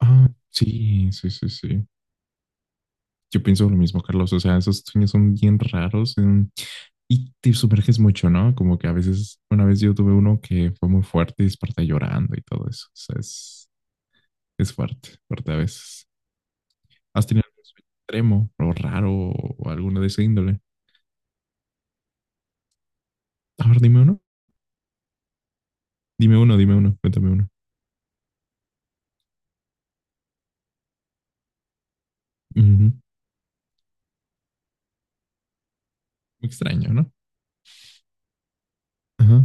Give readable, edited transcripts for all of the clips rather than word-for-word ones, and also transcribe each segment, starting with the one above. Ah, sí, sí, sí, sí. Yo pienso lo mismo, Carlos. O sea, esos sueños son bien raros y te sumerges mucho, ¿no? Como que a veces, una vez yo tuve uno que fue muy fuerte y desperté llorando y todo eso. O sea, es fuerte, fuerte a veces. ¿Has tenido algún sueño extremo o raro o alguno de ese índole? A ver, dime uno. Dime uno, dime uno, cuéntame uno. Ujú. Muy extraño, ¿no? Ajá.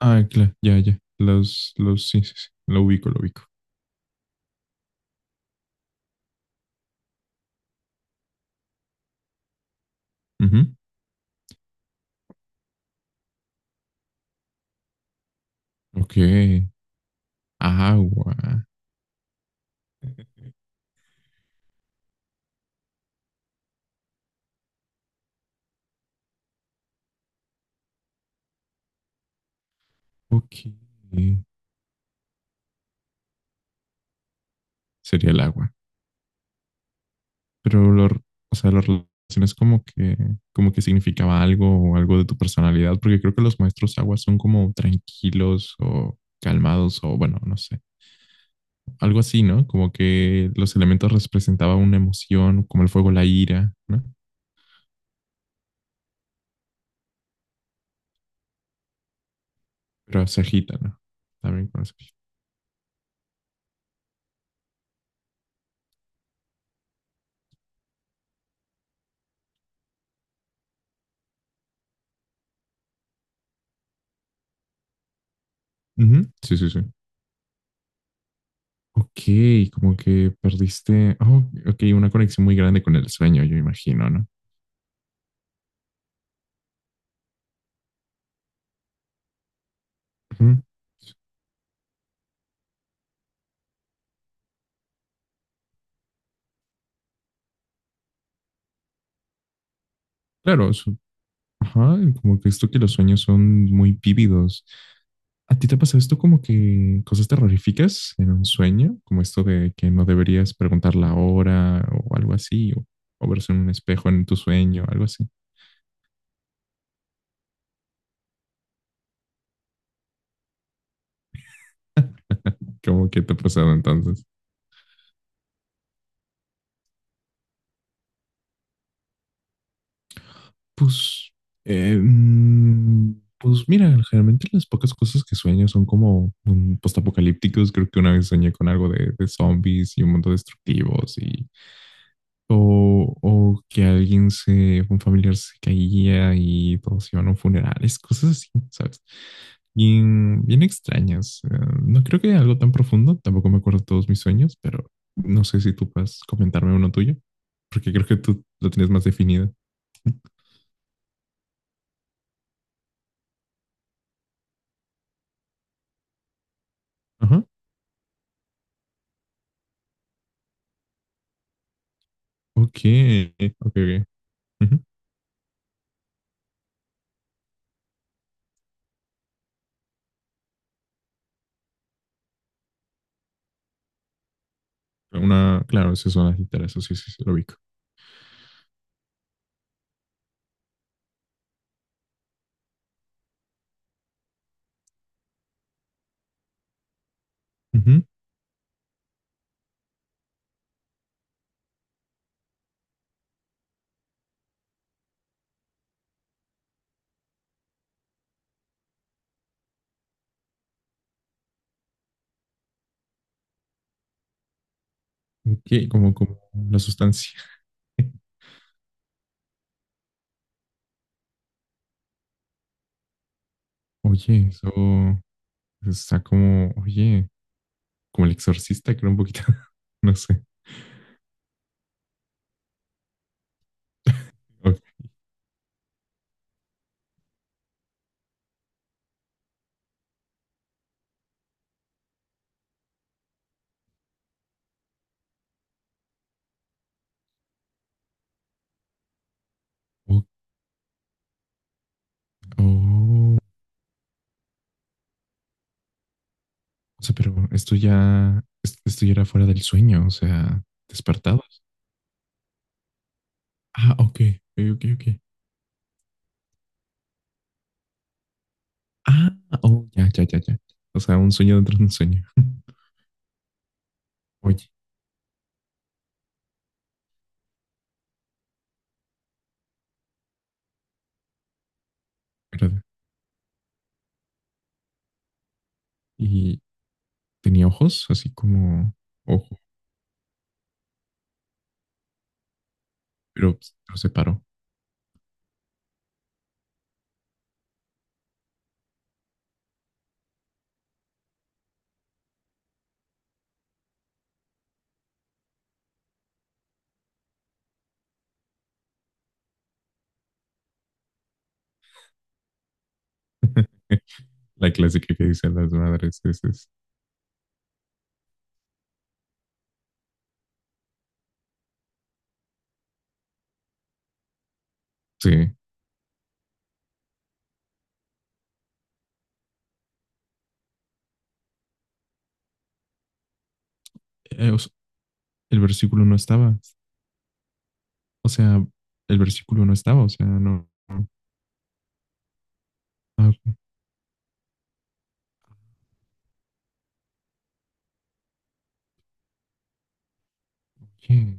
Ah, claro, ya, ya. Sí, sí, sí. Lo ubico, lo ubico. Ujú. Ok. Agua. Ok. Sería el agua. Pero o sea, lo relacionas como que significaba algo o algo de tu personalidad, porque creo que los maestros agua son como tranquilos o calmados o bueno, no sé, algo así, ¿no? Como que los elementos representaban una emoción, como el fuego, la ira, ¿no? Pero se agita, ¿no? También con eso. Ujú, sí, sí, sí. Ok, como que perdiste, oh, ok, una conexión muy grande con el sueño, yo imagino, ¿no? Ujú. Claro, ajá, como que esto que los sueños son muy vívidos. ¿A ti te ha pasado esto como que cosas terroríficas en un sueño? Como esto de que no deberías preguntar la hora o algo así, o verse en un espejo en tu sueño, algo así. ¿Cómo que te ha pasado entonces? Pues, pues mira, generalmente las pocas cosas que sueño son como postapocalípticos. Creo que una vez soñé con algo de zombies y un mundo destructivos y o que un familiar se caía y todos iban a un funeral, es cosas así, ¿sabes? Bien, bien extrañas. No creo que algo tan profundo, tampoco me acuerdo todos mis sueños, pero no sé si tú puedes comentarme uno tuyo, porque creo que tú lo tienes más definido. Ajá, ok, ok, ok. Ujú. Una, claro, esas son las literas, eso sí, sí, sí, lo ubico. Ujú, ok, como, como la sustancia. Oye, eso está como, oye, como el exorcista, creo un poquito, no sé. Okay. Oh, oh, o sea, pero esto ya era fuera del sueño, o sea, despertados. Ah, ok, ok, ok. Ok. Ah, oh, ya, ya, ya, ya. O sea, un sueño dentro de un sueño. Oye, espérate. Y tenía ojos, así como ojo, pero pues, no se paró. La clásica que dicen las madres es sí. O sea, el versículo no estaba. O sea, el versículo no estaba, o sea, no. No. Ah, okay.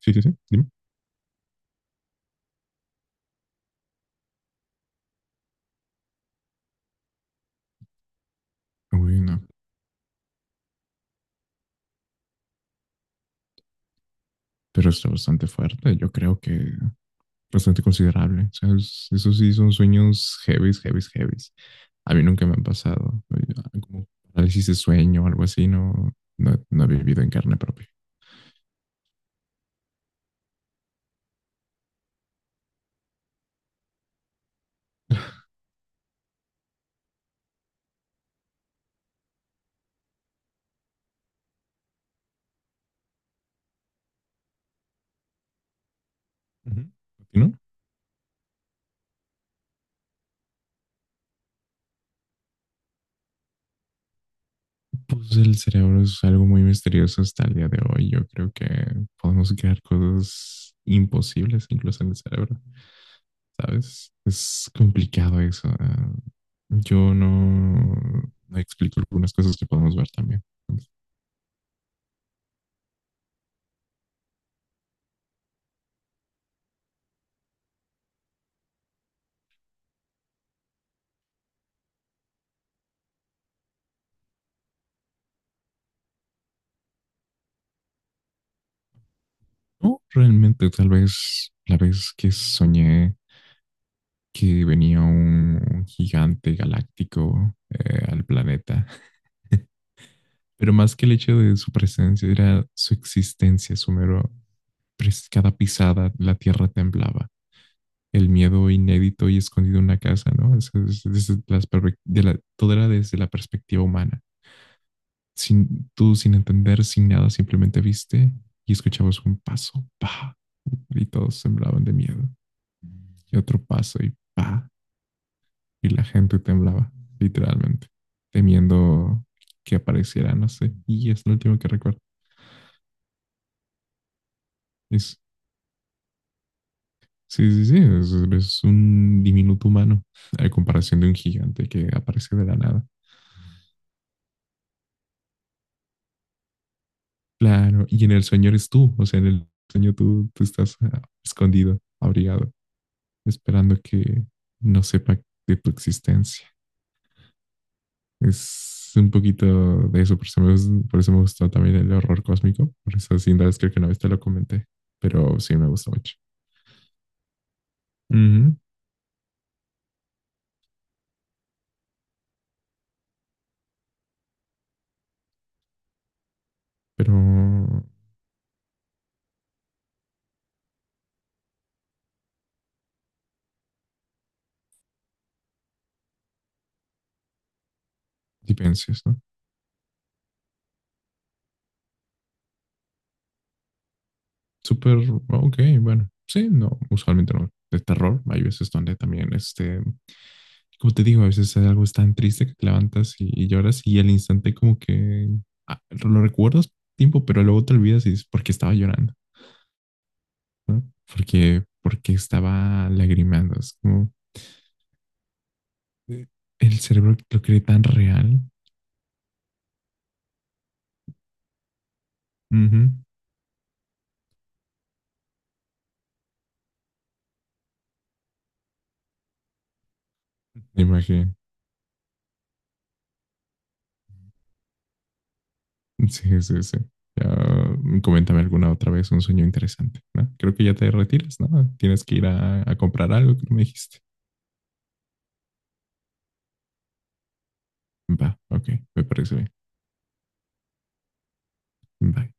Sí, sí, sí, dime. Uy, no, pero está bastante fuerte, yo creo que bastante considerable. O sea, es- esos sí son sueños heavies, heavies, heavies. A mí nunca me han pasado. Oye, como parálisis de sueño o algo así, no, no, no he vivido en carne propia. Ujú. ¿Y ¿no? Pues el cerebro es algo muy misterioso hasta el día de hoy. Yo creo que podemos crear cosas imposibles incluso en el cerebro, ¿sabes? Es complicado eso. Yo no, no explico algunas cosas que podemos ver también. No, realmente, tal vez la vez que soñé que venía un gigante galáctico al planeta, pero más que el hecho de su presencia era su existencia, su mero cada pisada la tierra temblaba. El miedo inédito y escondido en una casa, ¿no? Es- desde las de la- todo era desde la perspectiva humana. Sin, tú, sin entender, sin nada, simplemente viste y escuchabas un paso, pa, y todos temblaban de miedo. Y otro paso y pa, y la gente temblaba, literalmente, temiendo que apareciera, no sé. Y es lo último que recuerdo. Es sí, sí, sí, es un diminuto humano a comparación de un gigante que aparece de la nada. Claro, y en el sueño eres tú, o sea, en el sueño tú, tú estás escondido, abrigado, esperando que no sepa de tu existencia. Es un poquito de eso, por eso me, gus- por eso me gustó también el horror cósmico, por eso sin duda creo que una vez te lo comenté, pero sí me gustó mucho. Ujú, pero, diferencias, ¿no? Súper, ok, bueno, sí, no, usualmente no. De terror, hay veces donde también, este, como te digo, a veces hay algo tan triste que te levantas y lloras y al instante como que lo recuerdas tiempo, pero luego te olvidas y dices, ¿por qué estaba llorando? ¿No? Porque, porque estaba lagrimando. Es como eh, el cerebro lo cree tan real. Ujú, me imagino. Sí, sí, sí. Ya, coméntame alguna otra vez un sueño interesante, ¿no? Creo que ya te retiras, ¿no? Tienes que ir a comprar algo que no me dijiste. Va, ok, me parece bien. Bye.